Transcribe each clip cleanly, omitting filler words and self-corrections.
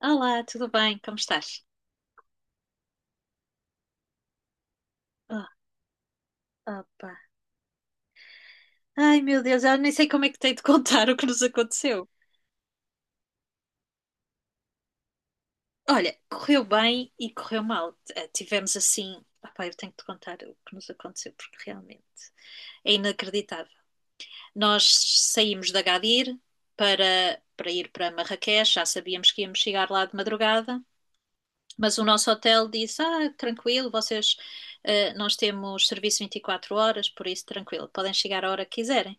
Olá, tudo bem? Como estás? Oh, opa. Ai, meu Deus, eu nem sei como é que tenho de contar o que nos aconteceu. Olha, correu bem e correu mal. Tivemos assim. Opa, eu tenho de contar o que nos aconteceu, porque realmente é inacreditável. Nós saímos de Agadir para ir para Marrakech, já sabíamos que íamos chegar lá de madrugada, mas o nosso hotel disse: Ah, tranquilo, vocês, nós temos serviço 24 horas, por isso tranquilo, podem chegar a hora que quiserem.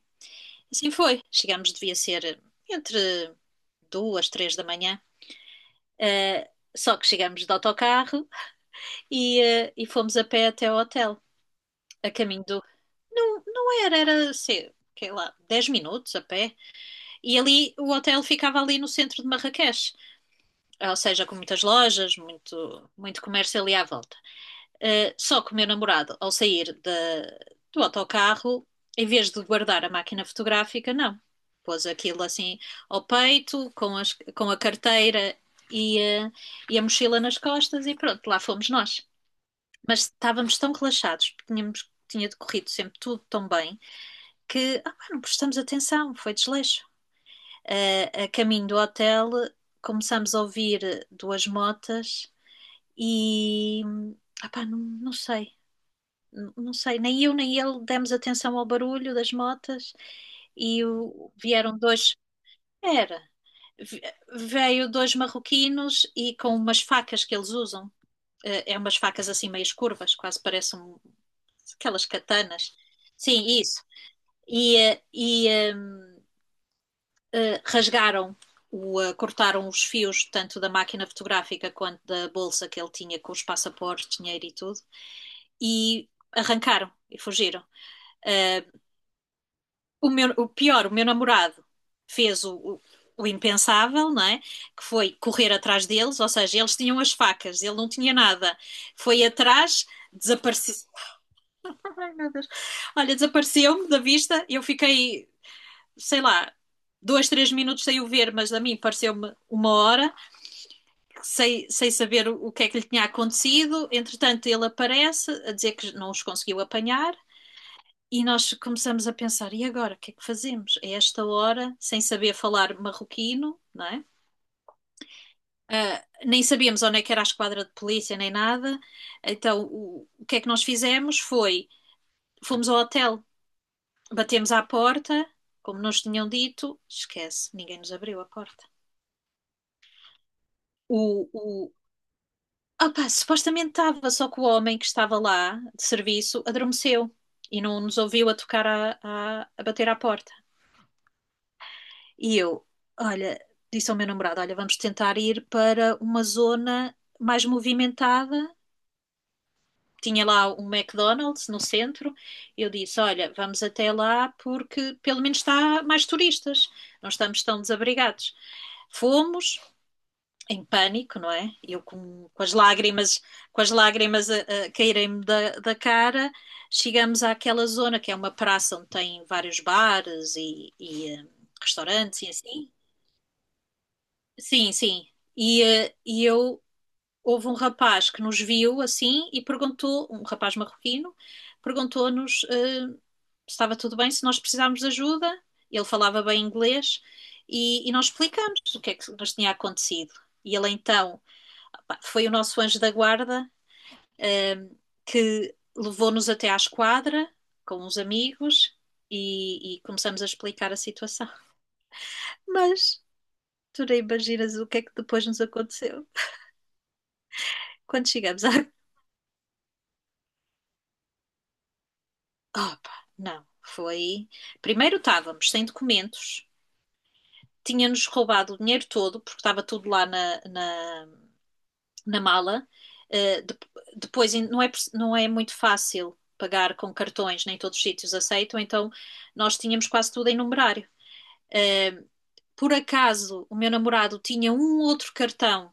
Assim foi. Chegámos, devia ser entre duas, três da manhã. Eh, só que chegámos de autocarro e fomos a pé até ao hotel. A caminho do. Não, não era, sei lá, 10 minutos a pé. E ali o hotel ficava ali no centro de Marrakech. Ou seja, com muitas lojas, muito, muito comércio ali à volta. Só que o meu namorado, ao sair do autocarro, em vez de guardar a máquina fotográfica, não. Pôs aquilo assim ao peito, com a carteira e, uh, e a mochila nas costas e pronto, lá fomos nós. Mas estávamos tão relaxados, porque tinha decorrido sempre tudo tão bem, que ah, pá, não prestamos atenção, foi desleixo. A caminho do hotel, começámos a ouvir duas motas e, ah, pá, não, não sei, nem eu nem ele demos atenção ao barulho das motas e vieram dois, era, ve- veio dois marroquinos e com umas facas que eles usam, é umas facas assim meias curvas, quase parecem aquelas katanas. Sim, isso. E, eh, e ehm, eh, rasgaram cortaram os fios tanto da máquina fotográfica quanto da bolsa que ele tinha com os passaportes, dinheiro e tudo e arrancaram e fugiram. Eh, o meu, o pior, o meu namorado fez o impensável, não é? Que foi correr atrás deles, ou seja, eles tinham as facas, ele não tinha nada. Foi atrás, desapareceu. Ai, meu Deus. Olha, desapareceu-me da vista, eu fiquei, sei lá, dois, três minutos sem o ver, mas a mim pareceu-me uma hora, sem saber o que é que lhe tinha acontecido. Entretanto, ele aparece a dizer que não os conseguiu apanhar. E nós começamos a pensar, e agora, o que é que fazemos? A esta hora, sem saber falar marroquino, não é? Nem sabíamos onde é que era a esquadra de polícia, nem nada. Então, o que é que nós fizemos foi, fomos ao hotel, batemos à porta, como nos tinham dito, esquece, ninguém nos abriu a porta. O, o, opá, supostamente estava, só que o homem que estava lá, de serviço, adormeceu e não nos ouviu a tocar, a bater à porta. E eu, olha, disse ao meu namorado: olha, vamos tentar ir para uma zona mais movimentada. Tinha lá um McDonald's no centro. Eu disse: olha, vamos até lá porque pelo menos está mais turistas, não estamos tão desabrigados. Fomos em pânico, não é? Eu com as lágrimas, com as lágrimas a caírem-me da cara. Chegamos àquela zona que é uma praça onde tem vários bares e restaurantes e assim. Sim, sim. E eu houve um rapaz que nos viu assim e perguntou, um rapaz marroquino, perguntou-nos se estava tudo bem, se nós precisávamos de ajuda. Ele falava bem inglês e nós explicamos o que é que nos tinha acontecido. E ele então pá, foi o nosso anjo da guarda que levou-nos até à esquadra com uns amigos e começamos a explicar a situação. Mas tu nem imaginas o que é que depois nos aconteceu. Quando chegamos à Opa, não. Foi. Primeiro estávamos sem documentos, tinha-nos roubado o dinheiro todo, porque estava tudo lá na mala. Uh, de- depois não é muito fácil pagar com cartões, nem todos os sítios aceitam, então nós tínhamos quase tudo em numerário. Uh, por acaso, o meu namorado tinha um outro cartão,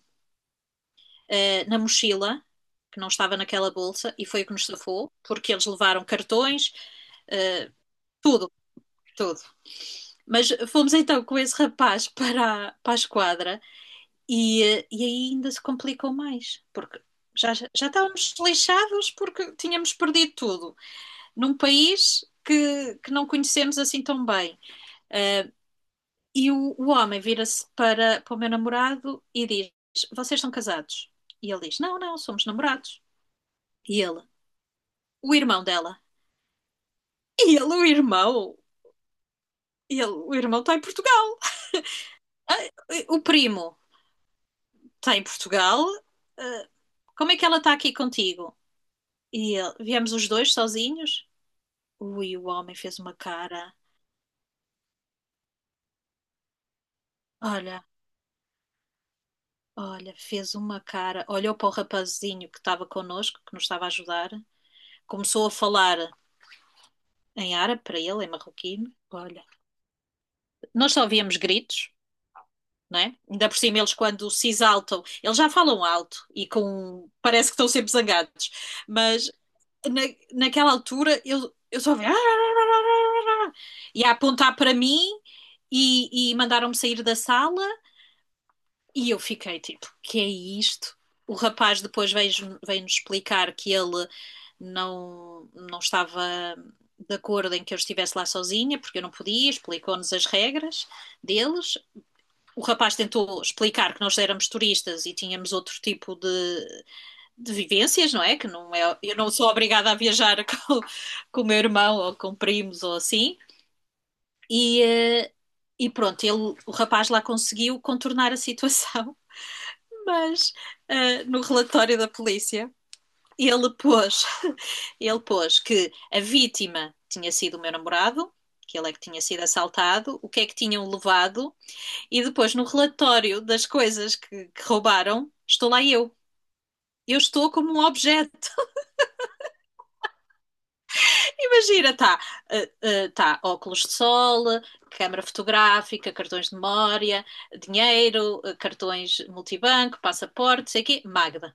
na mochila, que não estava naquela bolsa, e foi o que nos safou, porque eles levaram cartões, tudo, tudo. Mas fomos então com esse rapaz para a esquadra e aí ainda se complicou mais, porque já estávamos lixados porque tínhamos perdido tudo num país que não conhecemos assim tão bem. Ah, e o homem vira-se para o meu namorado e diz: Vocês são casados? E ele diz: Não, não, somos namorados. E ele: O irmão dela. E ele: O irmão? E ele: O irmão está em Portugal. O primo está em Portugal. Ah, como é que ela está aqui contigo? E ele, viemos os dois sozinhos? Ui, o homem fez uma cara. Olha, olha, fez uma cara. Olhou para o rapazinho que estava connosco, que nos estava a ajudar. Começou a falar em árabe para ele, em marroquino. Olha, nós só ovíamos gritos, não é? Ainda por cima, eles quando se exaltam, eles já falam alto e com. Parece que estão sempre zangados, mas na, naquela altura eu só vi e a apontar para mim e mandaram-me sair da sala e eu fiquei tipo, que é isto? O rapaz depois veio explicar que ele não estava de acordo em que eu estivesse lá sozinha, porque eu não podia, explicou-nos as regras deles. O rapaz tentou explicar que nós éramos turistas e tínhamos outro tipo de vivências, não é? Que não é, eu não sou obrigada a viajar com o meu irmão ou com primos ou assim. E, eh, e pronto, ele, o rapaz lá conseguiu contornar a situação, mas no relatório da polícia ele pôs, que a vítima tinha sido o meu namorado, que ele é que tinha sido assaltado, o que é que tinham levado, e depois no relatório das coisas que roubaram, estou lá eu. Eu estou como um objeto. Imagina, tá óculos de sol, câmara fotográfica, cartões de memória, dinheiro, cartões multibanco, passaporte, não sei o quê, Magda.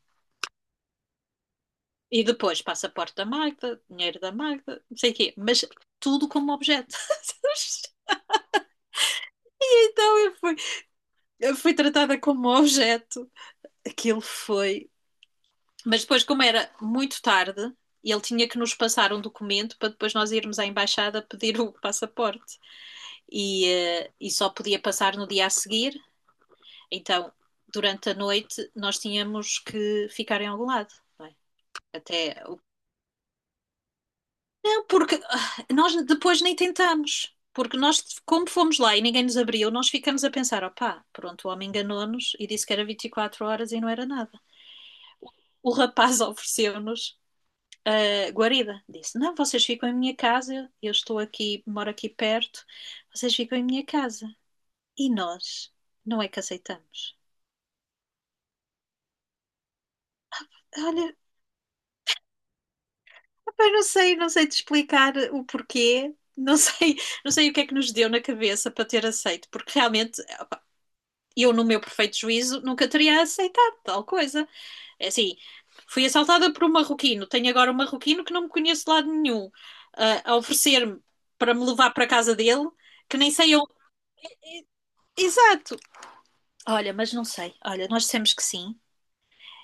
E depois passaporte da Magda, dinheiro da Magda, não sei o quê, mas tudo como objeto. E então eu fui tratada como objeto. Aquilo foi. Mas depois, como era muito tarde, ele tinha que nos passar um documento para depois nós irmos à embaixada pedir o passaporte. E só podia passar no dia a seguir. Então, durante a noite, nós tínhamos que ficar em algum lado. Não é? Até. Não, porque ah, nós depois nem tentamos. Porque nós, como fomos lá e ninguém nos abriu, nós ficamos a pensar: opá, pronto, o homem enganou-nos e disse que era 24 horas e não era nada. O rapaz ofereceu-nos guarida. Disse: não, vocês ficam em minha casa, eu estou aqui, moro aqui perto, vocês ficam em minha casa. E nós não é que aceitamos. Olha, mas não sei, não sei te explicar o porquê. Não sei, não sei o que é que nos deu na cabeça para ter aceito, porque realmente eu, no meu perfeito juízo, nunca teria aceitado tal coisa. É assim, fui assaltada por um marroquino, tenho agora um marroquino que não me conheço de lado nenhum, ah, a oferecer-me para me levar para a casa dele, que nem sei eu. Exato! Olha, mas não sei. Olha, nós dissemos que sim,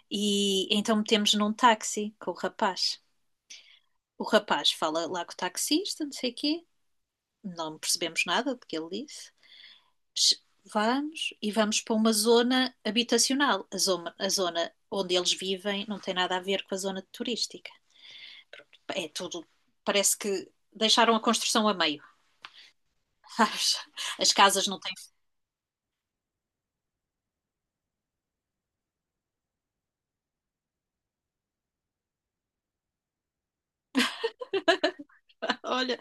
e então metemos num táxi com o rapaz. O rapaz fala lá com o taxista, não sei o quê. Não percebemos nada do que ele disse. Vamos e vamos para uma zona habitacional. A zona onde eles vivem não tem nada a ver com a zona turística. É tudo. Parece que deixaram a construção a meio. As, as casas não têm. Olha,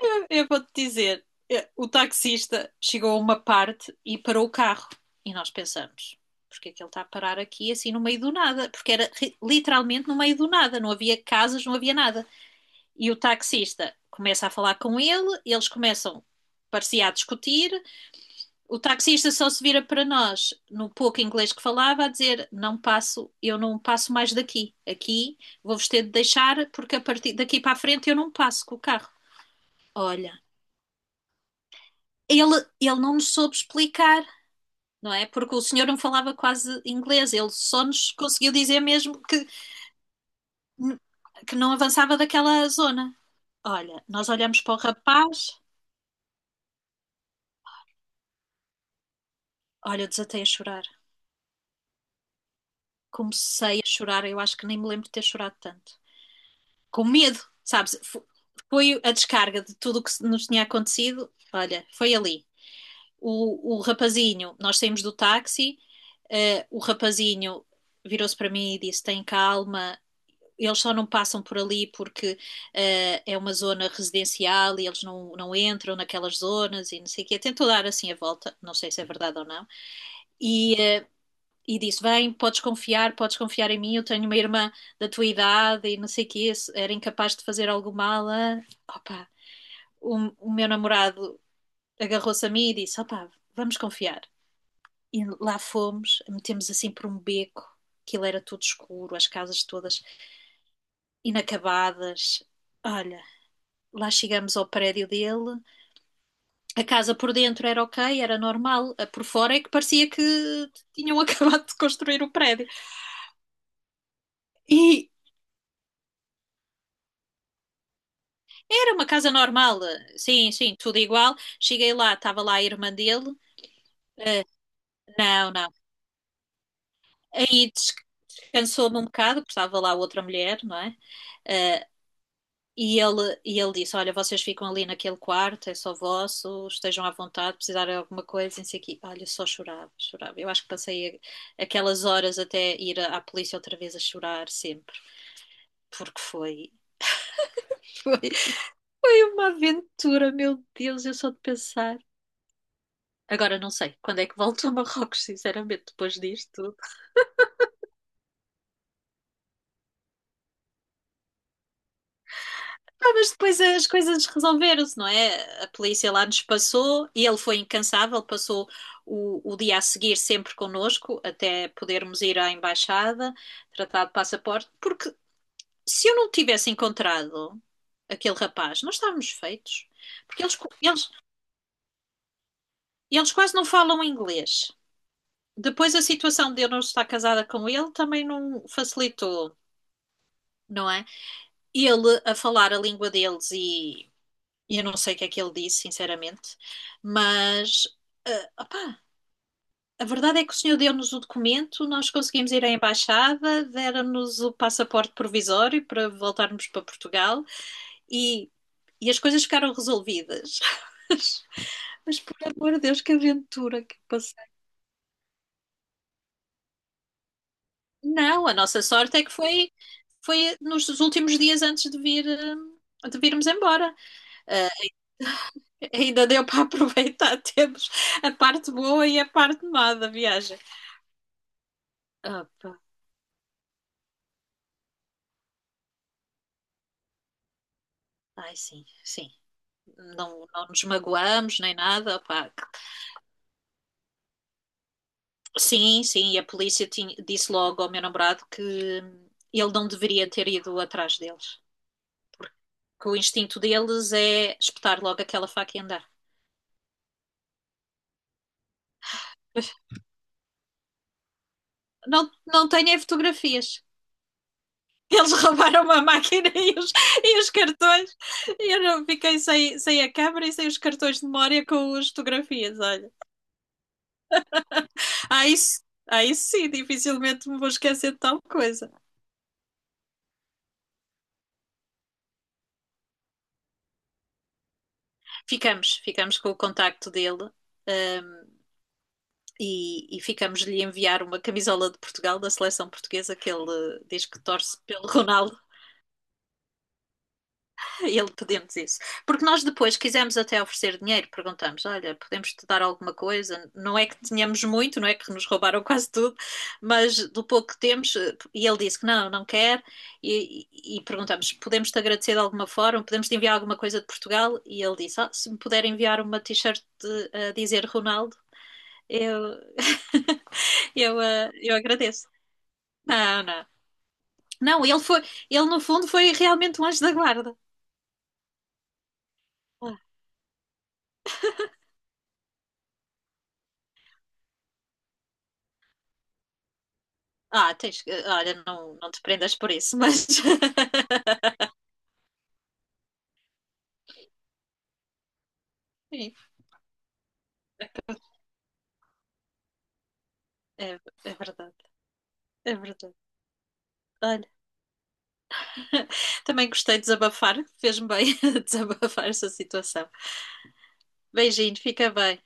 eu vou-te dizer: o taxista chegou a uma parte e parou o carro. E nós pensamos: porque é que ele está a parar aqui assim no meio do nada? Porque era literalmente no meio do nada, não havia casas, não havia nada. E o taxista começa a falar com ele, eles começam, parecia, a discutir. O taxista só se vira para nós, no pouco inglês que falava, a dizer: Não passo, eu não passo mais daqui. Aqui vou-vos ter de deixar, porque a partir daqui para a frente eu não passo com o carro. Olha, ele, ele não nos soube explicar. Não é? Porque o senhor não falava quase inglês, ele só nos conseguiu dizer mesmo que, não avançava daquela zona. Olha, nós olhamos para o rapaz, olha, eu desatei a chorar. Comecei a chorar, eu acho que nem me lembro de ter chorado tanto. Com medo, sabes? Foi a descarga de tudo o que nos tinha acontecido. Olha, foi ali. O rapazinho, nós saímos do táxi, o rapazinho virou-se para mim e disse: tem calma, eles só não passam por ali porque é uma zona residencial e eles não entram naquelas zonas e não sei o quê. Tentou dar assim a volta, não sei se é verdade ou não. E e disse: Vem, podes confiar em mim. Eu tenho uma irmã da tua idade e não sei o que, era incapaz de fazer algo mal. Ah. Opa, o, o meu namorado agarrou-se a mim e disse: Opa, vamos confiar. E lá fomos, metemos assim por um beco, aquilo era tudo escuro, as casas todas inacabadas. Olha, lá chegamos ao prédio dele. A casa por dentro era ok, era normal. A por fora é que parecia que tinham acabado de construir o prédio. E era uma casa normal, sim, sim, tudo igual. Cheguei lá, estava lá a irmã dele. Eh, não, não. Aí descansou-me um bocado, porque estava lá outra mulher, não é? Eh, e ele disse: Olha, vocês ficam ali naquele quarto, é só vosso, estejam à vontade, precisarem de alguma coisa, não sei o quê. Olha, só chorava, chorava. Eu acho que passei aquelas horas até ir à, à polícia outra vez a chorar sempre, porque foi, foi, foi uma aventura, meu Deus, eu só de pensar. Agora não sei quando é que volto a Marrocos, sinceramente, depois disto tudo. Ah, mas depois as coisas resolveram-se, não é? A polícia lá nos passou e ele foi incansável, passou o dia a seguir sempre connosco, até podermos ir à embaixada, tratar de passaporte, porque se eu não tivesse encontrado aquele rapaz, nós estávamos feitos. Porque eles, eles quase não falam inglês. Depois a situação de eu não estar casada com ele também não facilitou, não é? Ele a falar a língua deles e eu não sei o que é que ele disse, sinceramente, mas a verdade é que o senhor deu-nos o documento, nós conseguimos ir à embaixada, deram-nos o passaporte provisório para voltarmos para Portugal e, e as coisas ficaram resolvidas. Mas por amor de Deus, que aventura que passei. Não, a nossa sorte é que foi, foi nos últimos dias antes de vir, de virmos embora. Ainda deu para aproveitar. Temos a parte boa e a parte má da viagem. Opa. Ai, sim, sim. Não, não nos magoamos nem nada. Opa. Sim, sim. E a polícia disse logo ao meu namorado que ele não deveria ter ido atrás deles. Que o instinto deles é espetar logo aquela faca e andar. Não, não tenho é fotografias. Eles roubaram a máquina e os cartões. E eu não fiquei sem a câmera e sem os cartões de memória com as fotografias, olha. Aí, s- aí sim, dificilmente me vou esquecer de tal coisa. Ficamos, ficamos com o contacto dele, ahm, e ficamos-lhe enviar uma camisola de Portugal, da seleção portuguesa, que ele diz que torce pelo Ronaldo. Ele pedimos isso. Porque nós depois quisemos até oferecer dinheiro, perguntamos: olha, podemos te dar alguma coisa? Não é que tínhamos muito, não é que nos roubaram quase tudo, mas do pouco que temos, e ele disse que não, não quer. E perguntamos: podemos te agradecer de alguma forma? Podemos te enviar alguma coisa de Portugal? E ele disse: ah, se me puder enviar uma t-shirt a dizer Ronaldo, eu, eu agradeço. Não, não. Não, ele foi, ele no fundo foi realmente um anjo da guarda. Ah, tens que. Olha, não, não te prendas por isso, mas. Sim, é, é verdade, é verdade. Olha, também gostei de desabafar, fez-me bem desabafar essa situação. Beijinho, fica bem.